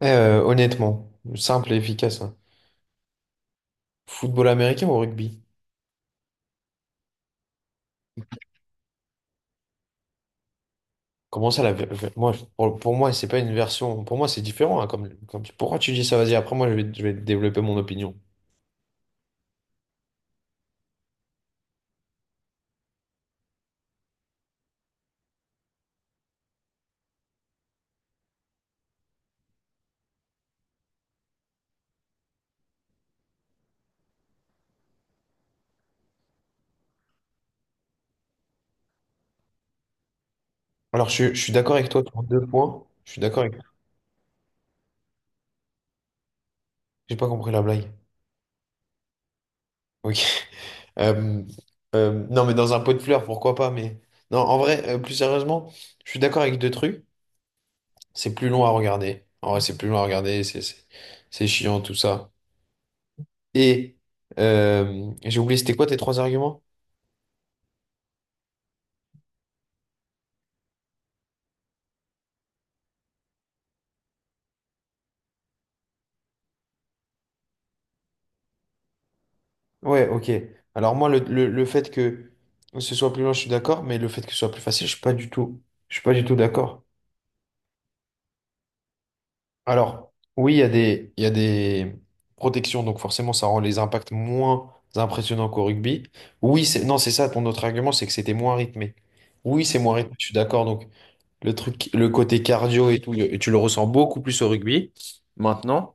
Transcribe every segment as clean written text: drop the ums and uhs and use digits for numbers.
Honnêtement, simple et efficace, hein. Football américain ou rugby? Comment ça, moi, pour moi, c'est pas une version. Pour moi, c'est différent, hein, pourquoi tu dis ça? Vas-y, après, moi, je vais développer mon opinion. Alors, je suis d'accord avec toi sur deux points. Je suis d'accord avec... J'ai pas compris la blague. Ok. Euh, non, mais dans un pot de fleurs, pourquoi pas? Mais non, en vrai, plus sérieusement, je suis d'accord avec deux trucs. C'est plus long à regarder. En vrai, c'est plus long à regarder. C'est chiant, tout ça. Et j'ai oublié, c'était quoi tes trois arguments? Ouais, ok. Alors moi, le fait que ce soit plus loin, je suis d'accord, mais le fait que ce soit plus facile, je suis pas du tout d'accord. Alors, oui, il y a des protections, donc forcément, ça rend les impacts moins impressionnants qu'au rugby. Oui, non, c'est ça, ton autre argument, c'est que c'était moins rythmé. Oui, c'est moins rythmé, je suis d'accord. Donc, le côté cardio et tout, tu le ressens beaucoup plus au rugby. Maintenant,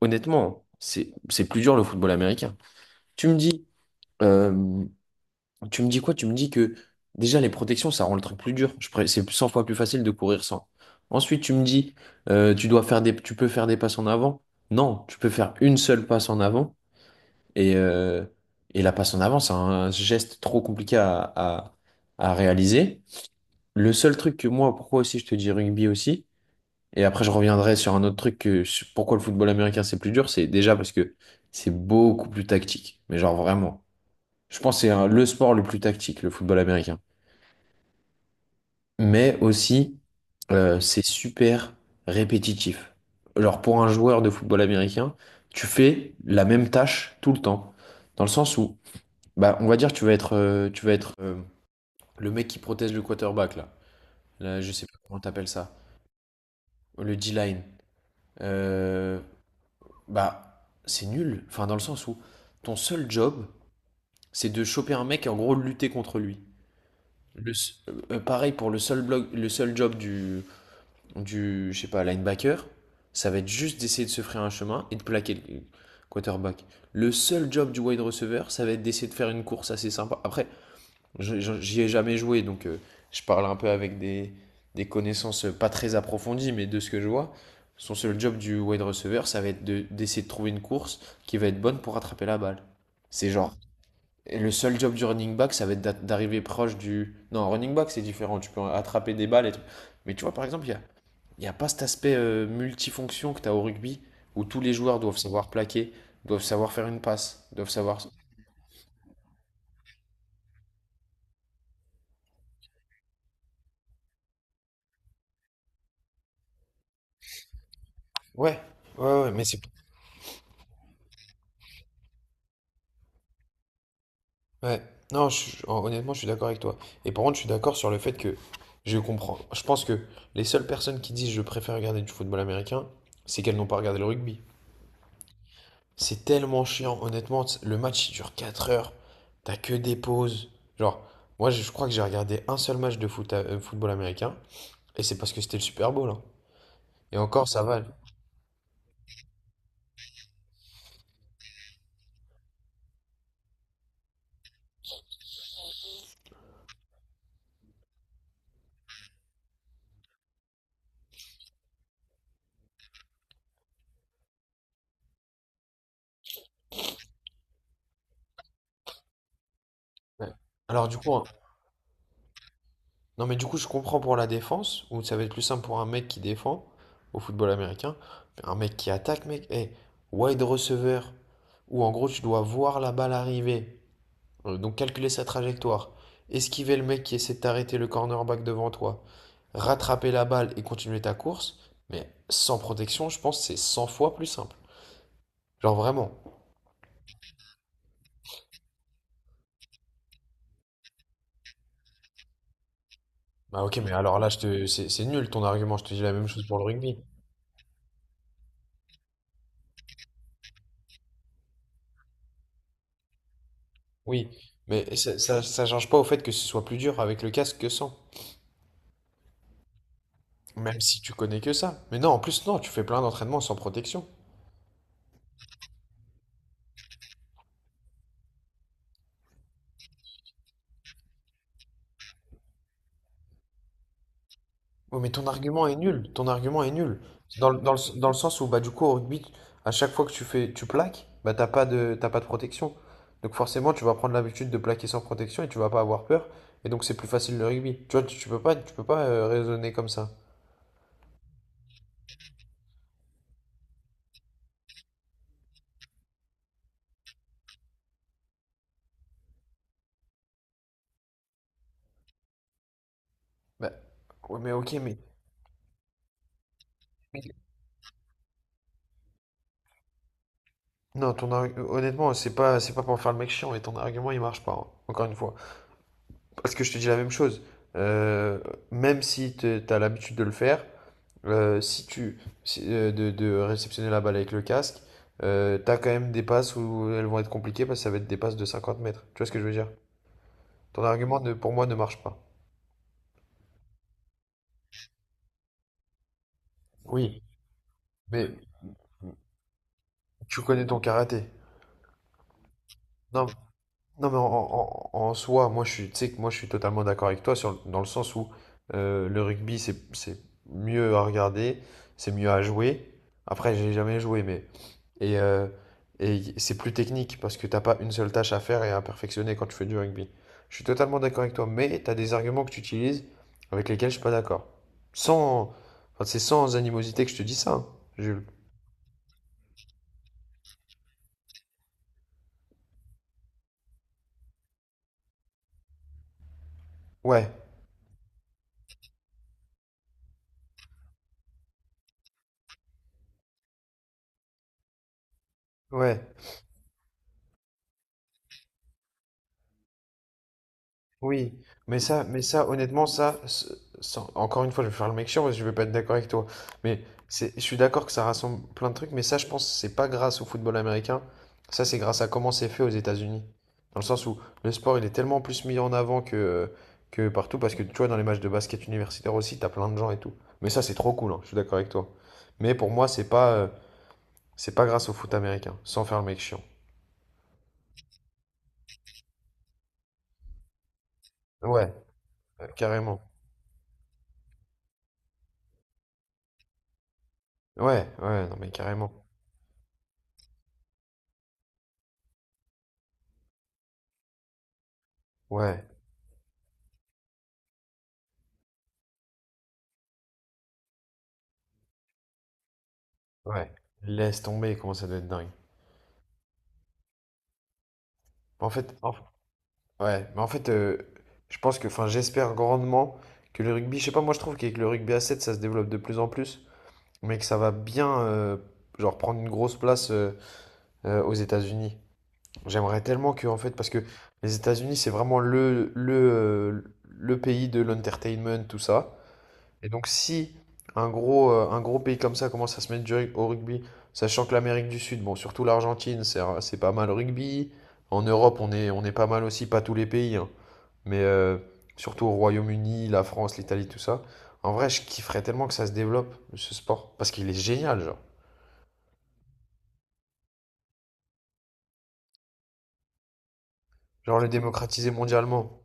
honnêtement, c'est plus dur le football américain. Tu me dis, euh, tu me dis quoi? Tu me dis que déjà les protections, ça rend le truc plus dur. C'est 100 fois plus facile de courir sans. Ensuite, tu peux faire des passes en avant. Non, tu peux faire une seule passe en avant. Et, euh, et la passe en avant, c'est un geste trop compliqué à réaliser. Le seul truc que moi, pourquoi aussi je te dis rugby aussi, et après je reviendrai sur un autre truc que sur pourquoi le football américain c'est plus dur, c'est déjà parce que c'est beaucoup plus tactique. Mais genre vraiment. Je pense que le sport le plus tactique, le football américain. Mais aussi c'est super répétitif. Alors pour un joueur de football américain, tu fais la même tâche tout le temps, dans le sens où, bah, on va dire, tu vas être le mec qui protège le quarterback là. Là, je sais pas comment t'appelles ça, le D-line. Euh, bah, c'est nul. Enfin, dans le sens où ton seul job, c'est de choper un mec et en gros lutter contre lui. Le s- pareil pour le seul blog, le seul job du je sais pas, linebacker, ça va être juste d'essayer de se frayer un chemin et de plaquer le quarterback. Le seul job du wide receiver, ça va être d'essayer de faire une course assez sympa. Après, j'y ai jamais joué, je parle un peu avec des connaissances pas très approfondies, mais de ce que je vois, son seul job du wide receiver, ça va être d'essayer de trouver une course qui va être bonne pour rattraper la balle. C'est genre... Et le seul job du running back, ça va être d'arriver proche du... Non, running back, c'est différent. Tu peux attraper des balles et tout. Mais tu vois, par exemple, il n'y a pas cet aspect multifonction que tu as au rugby, où tous les joueurs doivent savoir plaquer, doivent savoir faire une passe, doivent savoir... Ouais, ouais, ouais, mais c'est. Ouais, non, honnêtement, je suis d'accord avec toi. Et par contre, je suis d'accord sur le fait que je comprends. Je pense que les seules personnes qui disent je préfère regarder du football américain, c'est qu'elles n'ont pas regardé le rugby. C'est tellement chiant, honnêtement. Le match, il dure 4 heures. T'as que des pauses. Genre, moi, je crois que j'ai regardé un seul match de foot, football américain. Et c'est parce que c'était le Super Bowl, hein. Et encore, ça va. Ouais. Alors du coup, hein, non mais du coup je comprends pour la défense, où ça va être plus simple pour un mec qui défend au football américain, mais un mec qui attaque, mec, hey, wide receiver, où en gros tu dois voir la balle arriver, donc calculer sa trajectoire, esquiver le mec qui essaie de t'arrêter le cornerback devant toi, rattraper la balle et continuer ta course, mais sans protection, je pense que c'est 100 fois plus simple. Genre vraiment. Bah ok, mais alors là, je te... c'est nul ton argument, je te dis la même chose pour le rugby. Oui, mais ça change pas au fait que ce soit plus dur avec le casque que sans, même si tu connais que ça. Mais non, en plus, non, tu fais plein d'entraînements sans protection. Oui, mais ton argument est nul, ton argument est nul. Dans le sens où, bah, du coup, au rugby, à chaque fois que tu fais, tu plaques, bah, t'as pas de protection. Donc forcément, tu vas prendre l'habitude de plaquer sans protection et tu vas pas avoir peur. Et donc, c'est plus facile le rugby. Tu vois, tu peux pas raisonner comme ça. Bah, ouais, mais ok, mais... Non, honnêtement, c'est pas pour faire le mec chiant, et ton argument, il marche pas, hein, encore une fois. Parce que je te dis la même chose. Euh, même si tu as l'habitude de le faire, si tu, si- de réceptionner la balle avec le casque, t'as quand même des passes où elles vont être compliquées parce que ça va être des passes de 50 mètres. Tu vois ce que je veux dire? Ton argument, ne, pour moi, ne marche pas. Oui, mais tu connais ton karaté. Non, non, mais en soi, moi je suis, tu sais que moi je suis totalement d'accord avec toi sur, dans le sens où le rugby c'est mieux à regarder, c'est mieux à jouer. Après, j'ai jamais joué, mais... et, euh, et c'est plus technique parce que t'as pas une seule tâche à faire et à perfectionner quand tu fais du rugby. Je suis totalement d'accord avec toi, mais t'as des arguments que tu utilises avec lesquels je suis pas d'accord. Sans, enfin, c'est sans animosité que je te dis ça, hein, Jules. Ouais, ouais. Oui, mais ça, honnêtement, ça, encore une fois, je vais faire le mec chiant parce que je vais pas être d'accord avec toi. Mais je suis d'accord que ça rassemble plein de trucs, mais ça, je pense, c'est pas grâce au football américain. Ça, c'est grâce à comment c'est fait aux États-Unis. Dans le sens où le sport, il est tellement plus mis en avant que partout, parce que tu vois, dans les matchs de basket universitaire aussi, t'as plein de gens et tout. Mais ça, c'est trop cool, hein, je suis d'accord avec toi. Mais pour moi, c'est pas grâce au foot américain, sans faire le mec chiant. Ouais, carrément. Ouais, ouais, non mais carrément. Ouais. Ouais, laisse tomber, comment ça doit être dingue. En fait, en- ouais, mais en fait, je pense que, enfin, j'espère grandement que le rugby, je sais pas, moi je trouve qu'avec le rugby à 7 ça se développe de plus en plus, mais que ça va bien, genre, prendre une grosse place aux États-Unis. J'aimerais tellement que, en fait, parce que les États-Unis, c'est vraiment le pays de l'entertainment, tout ça. Et donc si un gros, un gros pays comme ça commence à se mettre au rugby, sachant que l'Amérique du Sud, bon, surtout l'Argentine, c'est pas mal au rugby. En Europe, on est pas mal aussi, pas tous les pays, hein. Mais surtout au Royaume-Uni, la France, l'Italie, tout ça. En vrai, je kifferais tellement que ça se développe, ce sport, parce qu'il est génial, genre. Genre le démocratiser mondialement.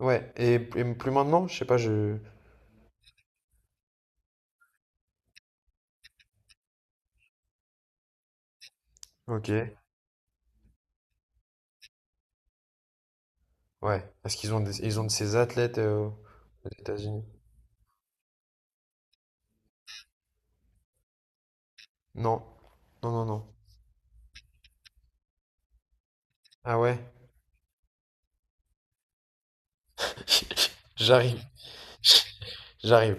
Ouais, et plus maintenant, je sais pas, je... Ok, ouais. Parce qu'ils ont, ils ont de ces athlètes aux États-Unis? Non, non, non, non. Ah ouais? J'arrive, j'arrive.